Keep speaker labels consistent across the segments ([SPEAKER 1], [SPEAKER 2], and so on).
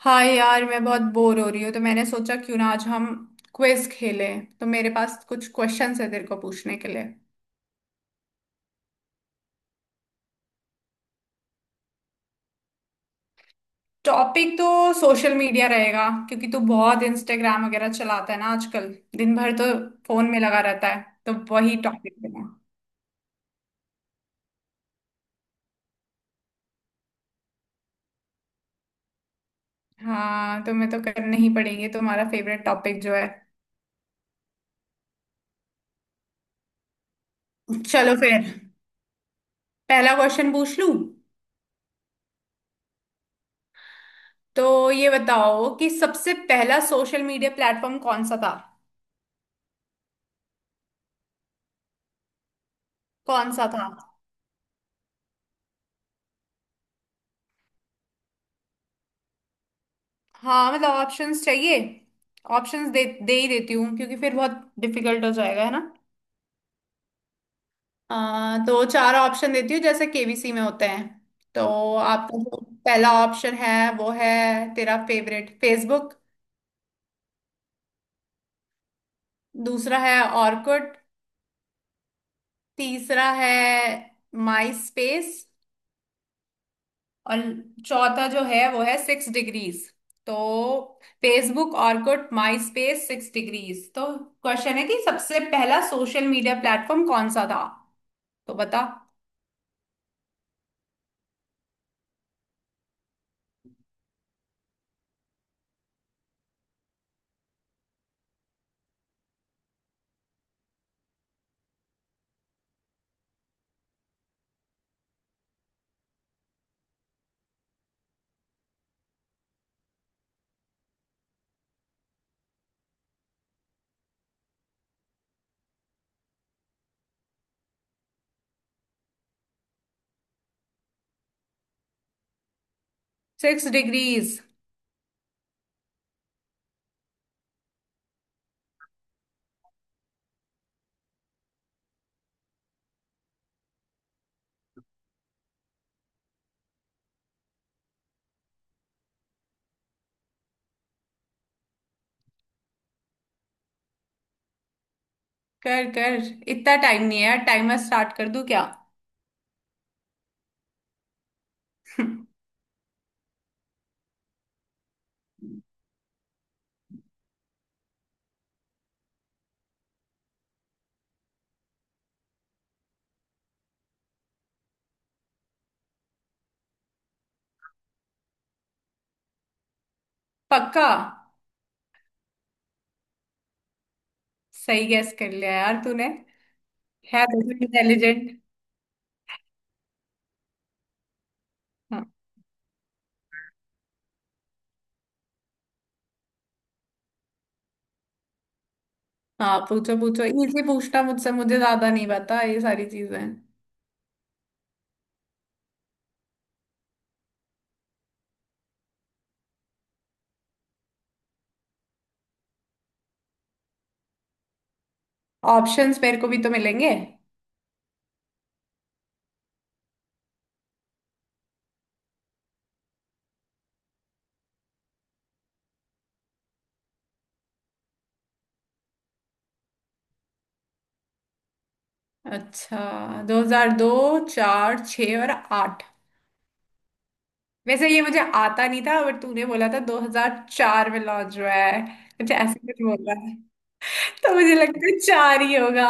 [SPEAKER 1] हाँ यार, मैं बहुत बोर हो रही हूँ, तो मैंने सोचा क्यों ना आज हम क्विज खेलें। तो मेरे पास कुछ क्वेश्चंस है तेरे को पूछने के लिए। टॉपिक तो सोशल मीडिया रहेगा, क्योंकि तू बहुत इंस्टाग्राम वगैरह चलाता है ना आजकल। दिन भर तो फोन में लगा रहता है, तो वही टॉपिक देना। हाँ, तुम्हें तो करने ही पड़ेंगे, तुम्हारा फेवरेट टॉपिक जो है। चलो फिर, पहला क्वेश्चन पूछ लूँ। तो ये बताओ कि सबसे पहला सोशल मीडिया प्लेटफॉर्म कौन सा था। कौन सा था? हाँ, मतलब ऑप्शंस चाहिए। ऑप्शंस दे दे ही देती हूँ, क्योंकि फिर बहुत डिफिकल्ट हो जाएगा, है ना। तो चार ऑप्शन देती हूँ, जैसे केबीसी में होते हैं। तो आपका जो पहला ऑप्शन है, वो है तेरा फेवरेट फेसबुक। दूसरा है ऑर्कुट। तीसरा है माई स्पेस। और चौथा जो है वो है सिक्स डिग्रीज। तो Facebook, Orkut, MySpace, six degrees. तो क्वेश्चन है कि सबसे पहला सोशल मीडिया प्लेटफॉर्म कौन सा था। तो बता। Six degrees. कर कर, इतना टाइम नहीं है यार। टाइमर स्टार्ट कर दूं क्या? पक्का? सही गैस कर लिया यार तूने। है तो इंटेलिजेंट। हाँ, हाँ पूछो पूछो। इजी पूछना मुझसे, मुझे ज्यादा नहीं पता ये सारी चीजें। ऑप्शंस मेरे को भी तो मिलेंगे। अच्छा, दो हजार दो, चार, छ और आठ। वैसे ये मुझे आता नहीं था, बट तूने बोला था 2004 में लॉन्च हुआ है। कुछ ऐसे कुछ बोल रहा है। तो मुझे लगता है चार ही होगा।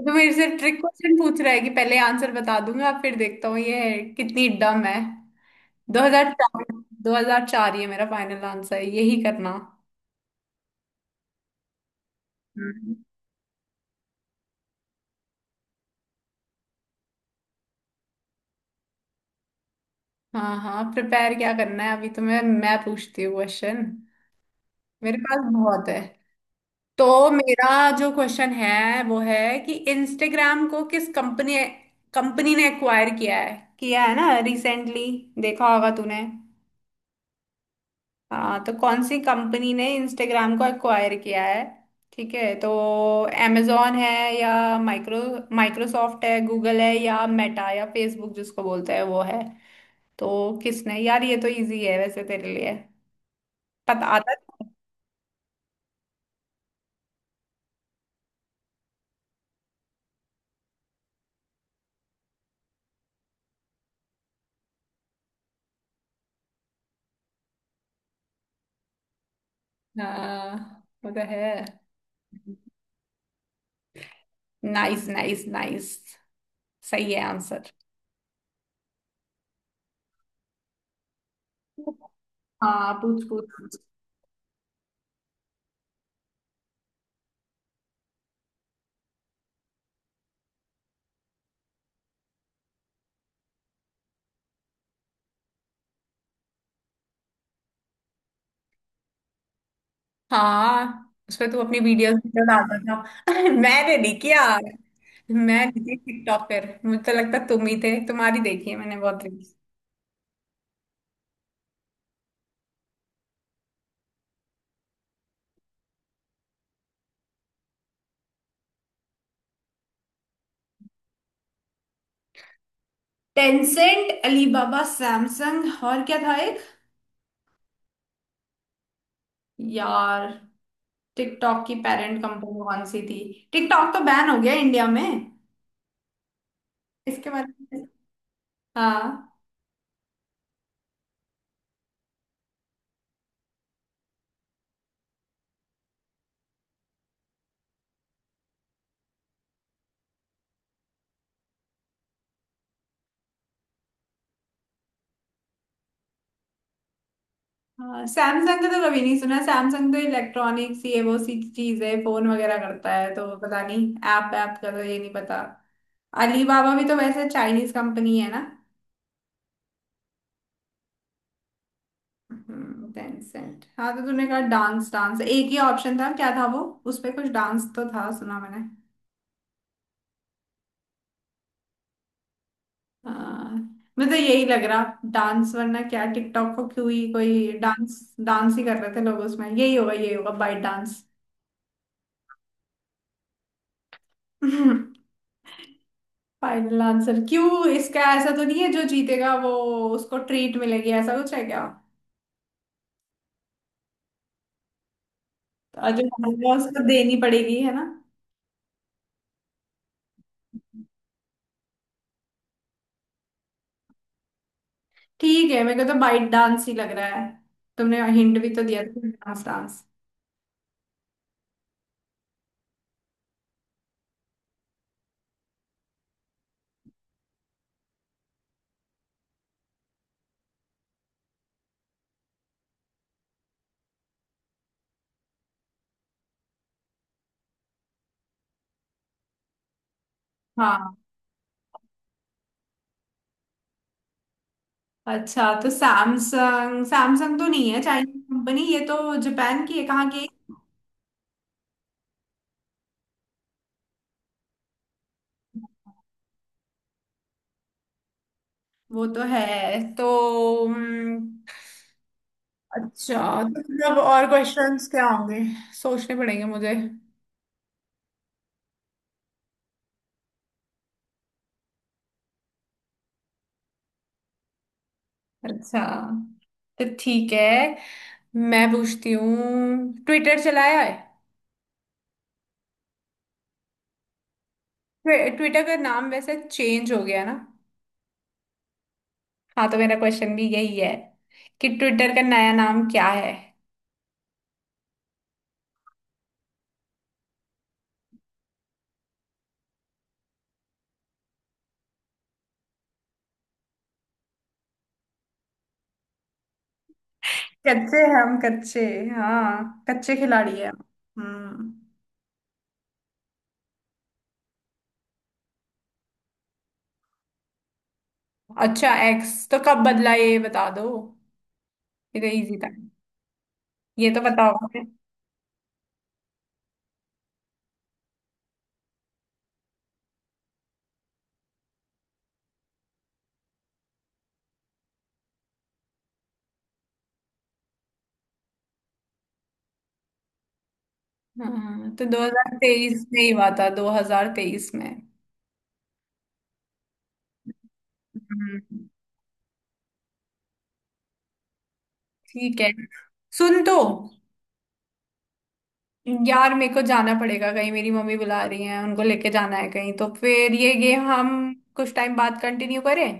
[SPEAKER 1] तो मेरे से ट्रिक क्वेश्चन पूछ रहा है कि पहले आंसर बता दूंगा, फिर देखता हूँ ये कितनी डम है। 2004, 2004, ये मेरा फाइनल आंसर है, यही करना। हम्म। हाँ हाँ, प्रिपेयर क्या करना है, अभी तो मैं पूछती हूँ क्वेश्चन। मेरे पास बहुत है। तो मेरा जो क्वेश्चन है वो है कि इंस्टाग्राम को किस कंपनी कंपनी ने एक्वायर किया है। ना रिसेंटली, देखा होगा तूने। हाँ, तो कौन सी कंपनी ने इंस्टाग्राम को एक्वायर किया है? ठीक है, तो amazon है, या माइक्रो माइक्रोसॉफ्ट है, गूगल है, या मेटा या फेसबुक जिसको बोलते हैं वो है। तो किसने यार, ये तो इजी है वैसे तेरे लिए। पता आता है? हाँ, वो तो है। नाइस नाइस नाइस, सही है आंसर। हाँ, पूछ पूछ। हाँ, उसपे तू अपनी वीडियोस भी तो डालता था। मैंने नहीं किया। मैं नहीं थी टिकटॉक पर, मुझे तो लगता तुम ही थे, तुम्हारी देखी है मैंने बहुत रील्स। टेंसेंट, अलीबाबा, सैमसंग और क्या था एक? यार, टिकटॉक की पेरेंट कंपनी कौन सी थी? टिकटॉक तो बैन हो गया इंडिया में, इसके बारे में। हाँ, हाँ, सैमसंग का तो कभी नहीं सुना। सैमसंग तो इलेक्ट्रॉनिक्स, ये वो सी चीज है, फोन वगैरह करता है, तो पता नहीं। ऐप ऐप का तो ये नहीं पता। अलीबाबा भी तो वैसे चाइनीज कंपनी है ना। टेंसेंट, हाँ। तो तूने कहा डांस डांस, एक ही ऑप्शन था, क्या था वो? उस पे कुछ डांस तो था, सुना मैंने। हाँ, मैं तो यही लग रहा, डांस। वरना क्या टिकटॉक को क्यों ही, कोई डांस डांस ही कर रहे थे लोग उसमें। यही होगा, यही होगा, बाइट डांस। फाइनल आंसर क्यों? इसका ऐसा तो नहीं है जो जीतेगा वो, उसको ट्रीट मिलेगी, ऐसा कुछ है क्या? और जो हारेगा उसको देनी पड़ेगी, है ना। ठीक है, मेरे को तो बाइट डांस ही लग रहा है। तुमने हिंट भी तो दिया था, डांस डांस। हाँ। अच्छा, तो सैमसंग, सैमसंग तो नहीं है चाइनीज कंपनी, ये तो जापान की है, कहाँ की? वो तो है तो, हम्म। अच्छा, तो मतलब और क्वेश्चंस क्या होंगे, सोचने पड़ेंगे मुझे। अच्छा, तो ठीक है, मैं पूछती हूँ, ट्विटर चलाया है। ट्विटर का नाम वैसे चेंज हो गया ना। हाँ, तो मेरा क्वेश्चन भी यही है कि ट्विटर का नया नाम क्या है। कच्चे हैं हम, कच्चे। हाँ, कच्चे खिलाड़ी हैं हम। हम्म। अच्छा, एक्स तो कब बदला, ये बता दो। ये तो इजी था, ये तो पता होगा। हाँ, तो 2023 में ही हुआ था, 2023 में। हम्म। ठीक है, सुन तो। यार, मेरे को जाना पड़ेगा कहीं, मेरी मम्मी बुला रही हैं, उनको लेके जाना है कहीं। तो फिर ये गेम हम कुछ टाइम बाद कंटिन्यू करें?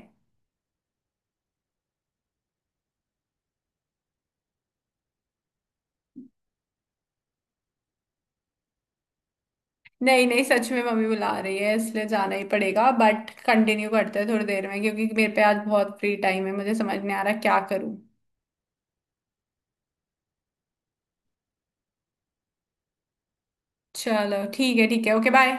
[SPEAKER 1] नहीं नहीं, सच में मम्मी बुला रही है, इसलिए जाना ही पड़ेगा। बट कंटिन्यू करते हैं थोड़ी देर में, क्योंकि मेरे पे आज बहुत फ्री टाइम है, मुझे समझ नहीं आ रहा क्या करूं। चलो ठीक है, ठीक है, ओके बाय।